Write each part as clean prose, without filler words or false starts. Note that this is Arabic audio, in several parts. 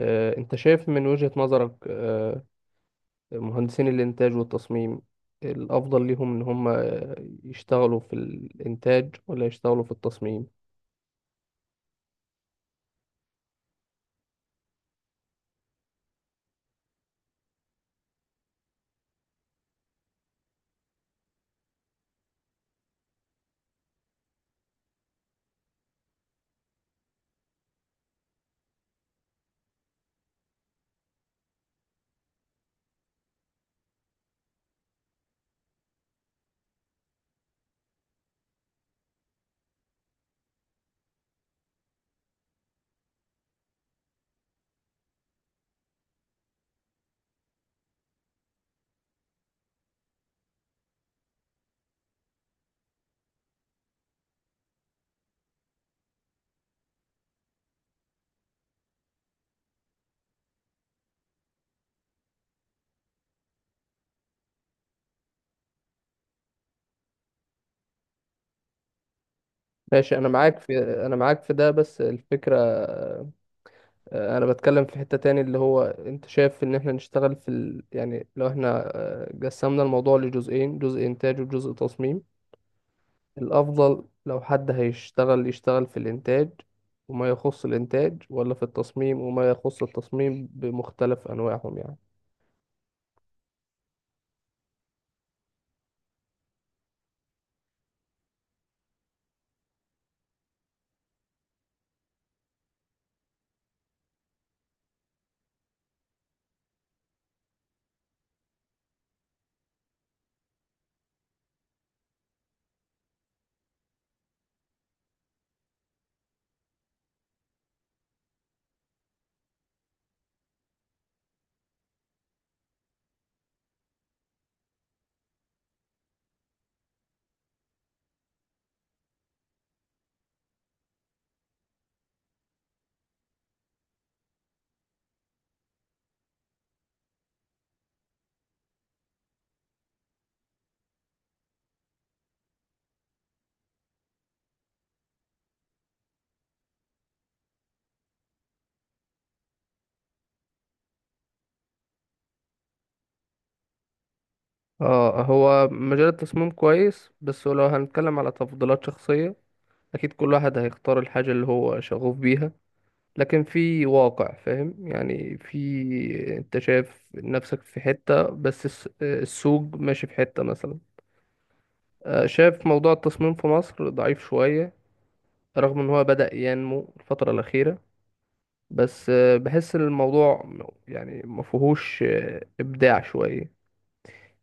أنت شايف من وجهة نظرك مهندسين الإنتاج والتصميم الأفضل ليهم إن هم يشتغلوا في الإنتاج ولا يشتغلوا في التصميم؟ ماشي، أنا معاك في ده. بس الفكرة أنا بتكلم في حتة تاني اللي هو أنت شايف إن إحنا نشتغل في يعني لو إحنا قسمنا الموضوع لجزئين، جزء إنتاج وجزء تصميم. الأفضل لو حد هيشتغل يشتغل في الإنتاج وما يخص الإنتاج ولا في التصميم وما يخص التصميم بمختلف أنواعهم يعني. اه، هو مجال التصميم كويس، بس لو هنتكلم على تفضيلات شخصية أكيد كل واحد هيختار الحاجة اللي هو شغوف بيها. لكن في واقع فاهم يعني، في انت شايف نفسك في حتة بس السوق ماشي في حتة مثلا. شايف موضوع التصميم في مصر ضعيف شوية رغم ان هو بدأ ينمو الفترة الأخيرة. بس بحس ان الموضوع يعني ما فيهوش ابداع شويه.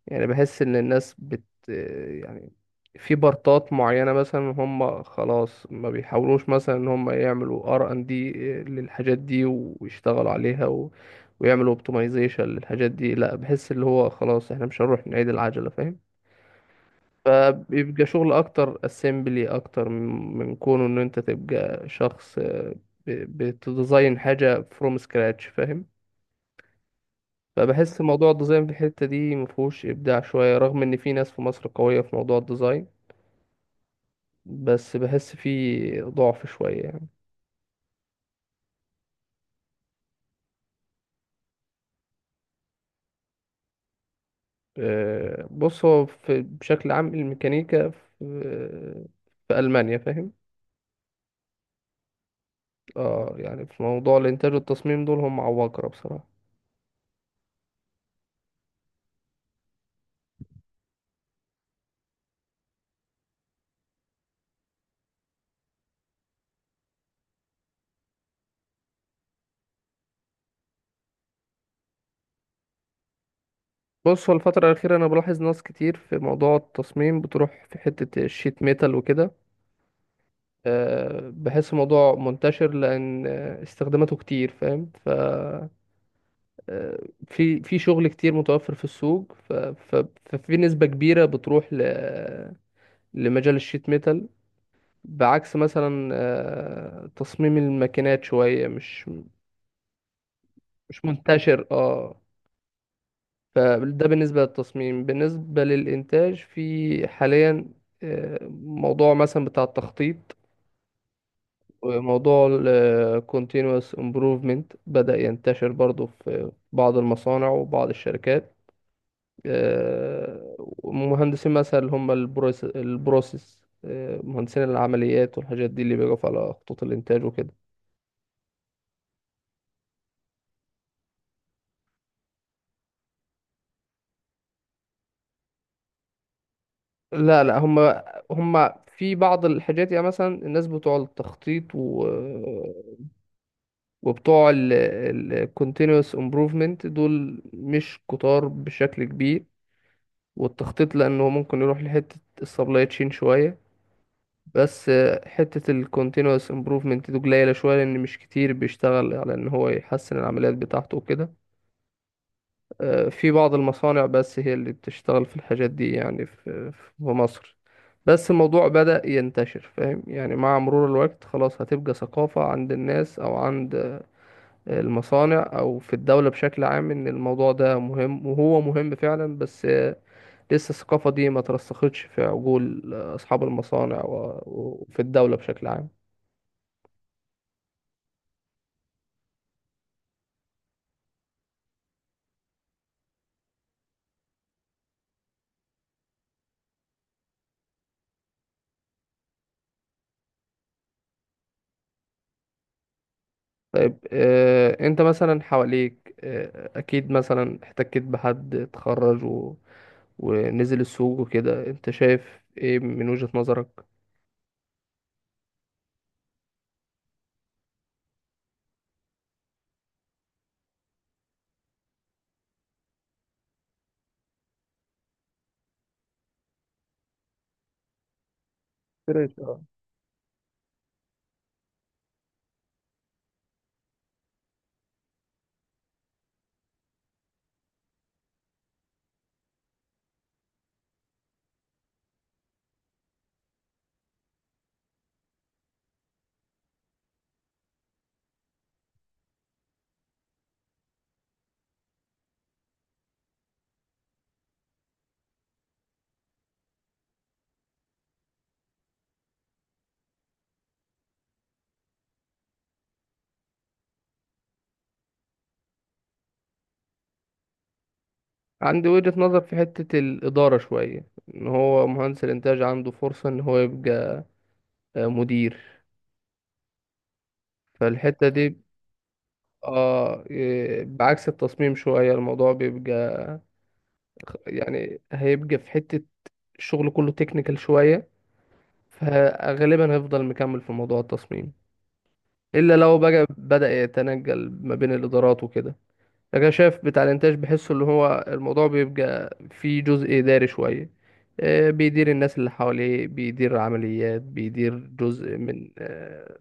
يعني بحس ان الناس بت آه، يعني، في بارتات معينه مثلا هم خلاص ما بيحاولوش مثلا ان هم يعملوا R&D للحاجات دي ويشتغلوا عليها ويعملوا اوبتمايزيشن للحاجات دي، لا بحس اللي هو خلاص احنا مش هنروح نعيد العجله فاهم. فبيبقى شغل اكتر اسمبلي اكتر من كونه ان انت تبقى شخص، بتديزاين حاجه فروم سكراتش فاهم. فبحس موضوع الديزاين في الحتة دي مفهوش إبداع شوية، رغم إن في ناس في مصر قوية في موضوع الديزاين. بس بحس فيه ضعف شوية يعني. بص، هو في بشكل عام الميكانيكا في ألمانيا فاهم. اه يعني في موضوع الإنتاج والتصميم دول هم عباقرة بصراحة. بص، هو الفترة الأخيرة أنا بلاحظ ناس كتير في موضوع التصميم بتروح في حتة الشيت ميتال وكده. بحس الموضوع منتشر لأن استخداماته كتير فاهم. ف في في شغل كتير متوفر في السوق ففي نسبة كبيرة بتروح لمجال الشيت ميتال، بعكس مثلا تصميم الماكينات شوية مش مش منتشر اه. فده بالنسبة للتصميم. بالنسبة للإنتاج في حاليا، آه، موضوع مثلا بتاع التخطيط وموضوع ال continuous improvement بدأ ينتشر برضو في بعض المصانع وبعض الشركات. ومهندسين مثلا اللي هم البروسيس، مهندسين العمليات والحاجات دي اللي بيقف على خطوط الانتاج وكده. لا، لا، هم في بعض الحاجات يعني، مثلا الناس بتوع التخطيط وبتوع ال continuous improvement دول مش كتار بشكل كبير. والتخطيط لانه ممكن يروح لحتة السبلاي تشين شوية. بس حتة ال continuous improvement دي قليلة شوية لأن مش كتير بيشتغل على إن هو يحسن العمليات بتاعته وكده. في بعض المصانع بس هي اللي بتشتغل في الحاجات دي يعني في مصر. بس الموضوع بدأ ينتشر فاهم، يعني مع مرور الوقت خلاص هتبقى ثقافة عند الناس أو عند المصانع أو في الدولة بشكل عام إن الموضوع ده مهم وهو مهم فعلا. بس لسه الثقافة دي ما ترسختش في عقول أصحاب المصانع وفي الدولة بشكل عام. طيب، انت مثلا حواليك، اكيد مثلا احتكيت بحد اتخرج ونزل السوق وكده. انت شايف ايه من وجهة نظرك؟ اشتريت اه. عندي وجهة نظر في حتة الإدارة شوية، إن هو مهندس الإنتاج عنده فرصة إن هو يبقى مدير. فالحتة دي، إيه، بعكس التصميم شوية الموضوع بيبقى، يعني هيبقى في حتة الشغل كله تكنيكال شوية، فغالبا هيفضل مكمل في موضوع التصميم. الا لو بقى بدأ يتنجل ما بين الادارات وكده. لكن أنا شايف بتاع الانتاج بحسه اللي هو الموضوع بيبقى فيه جزء اداري شويه، بيدير الناس اللي حواليه، بيدير عمليات، بيدير جزء من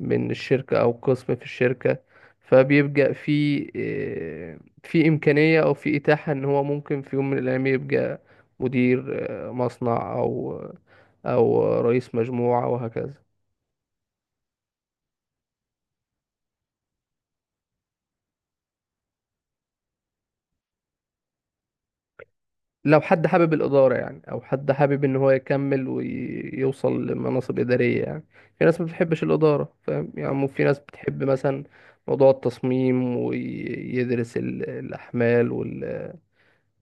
من الشركه او قسم في الشركه. فبيبقى في في امكانيه او في اتاحه ان هو ممكن في يوم من الايام يبقى مدير مصنع او او رئيس مجموعه وهكذا. لو حد حابب الإدارة يعني، أو حد حابب إن هو يكمل ويوصل لمناصب إدارية يعني. في ناس ما بتحبش الإدارة فاهم يعني، في ناس بتحب مثلا موضوع التصميم ويدرس الأحمال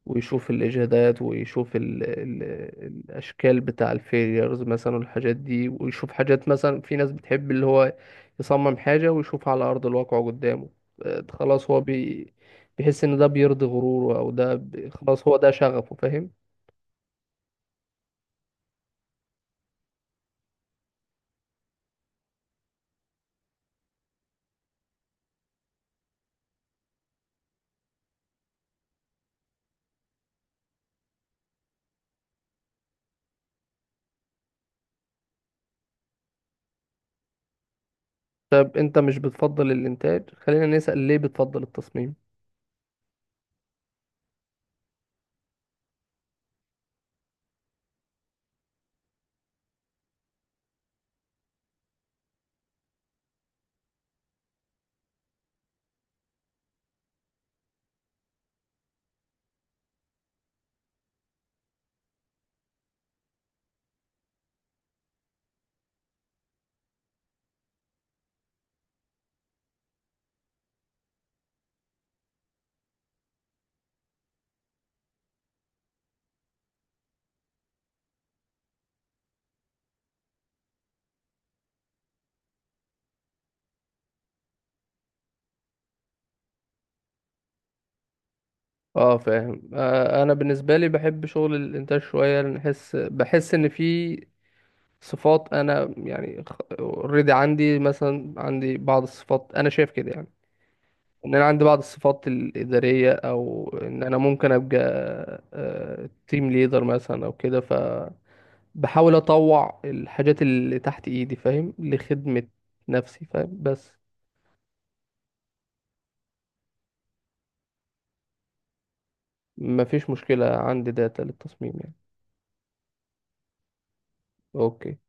ويشوف الإجهادات ويشوف الأشكال بتاع الفيليرز مثلا والحاجات دي، ويشوف حاجات مثلا في ناس بتحب اللي هو يصمم حاجة ويشوفها على أرض الواقع قدامه. خلاص هو بيحس إن ده بيرضي غروره أو ده خلاص هو ده شغفه فاهم. طب انت مش بتفضل الانتاج، خلينا نسأل ليه بتفضل التصميم. اه فاهم. انا بالنسبه لي بحب شغل الانتاج شويه لان بحس ان في صفات انا يعني، اوريدي عندي مثلا، عندي بعض الصفات انا شايف كده يعني، ان انا عندي بعض الصفات الاداريه او ان انا ممكن ابقى تيم ليدر مثلا او كده. فبحاول اطوع الحاجات اللي تحت ايدي فاهم لخدمه نفسي فاهم. بس مفيش مشكلة عندي داتا للتصميم يعني. اوكي.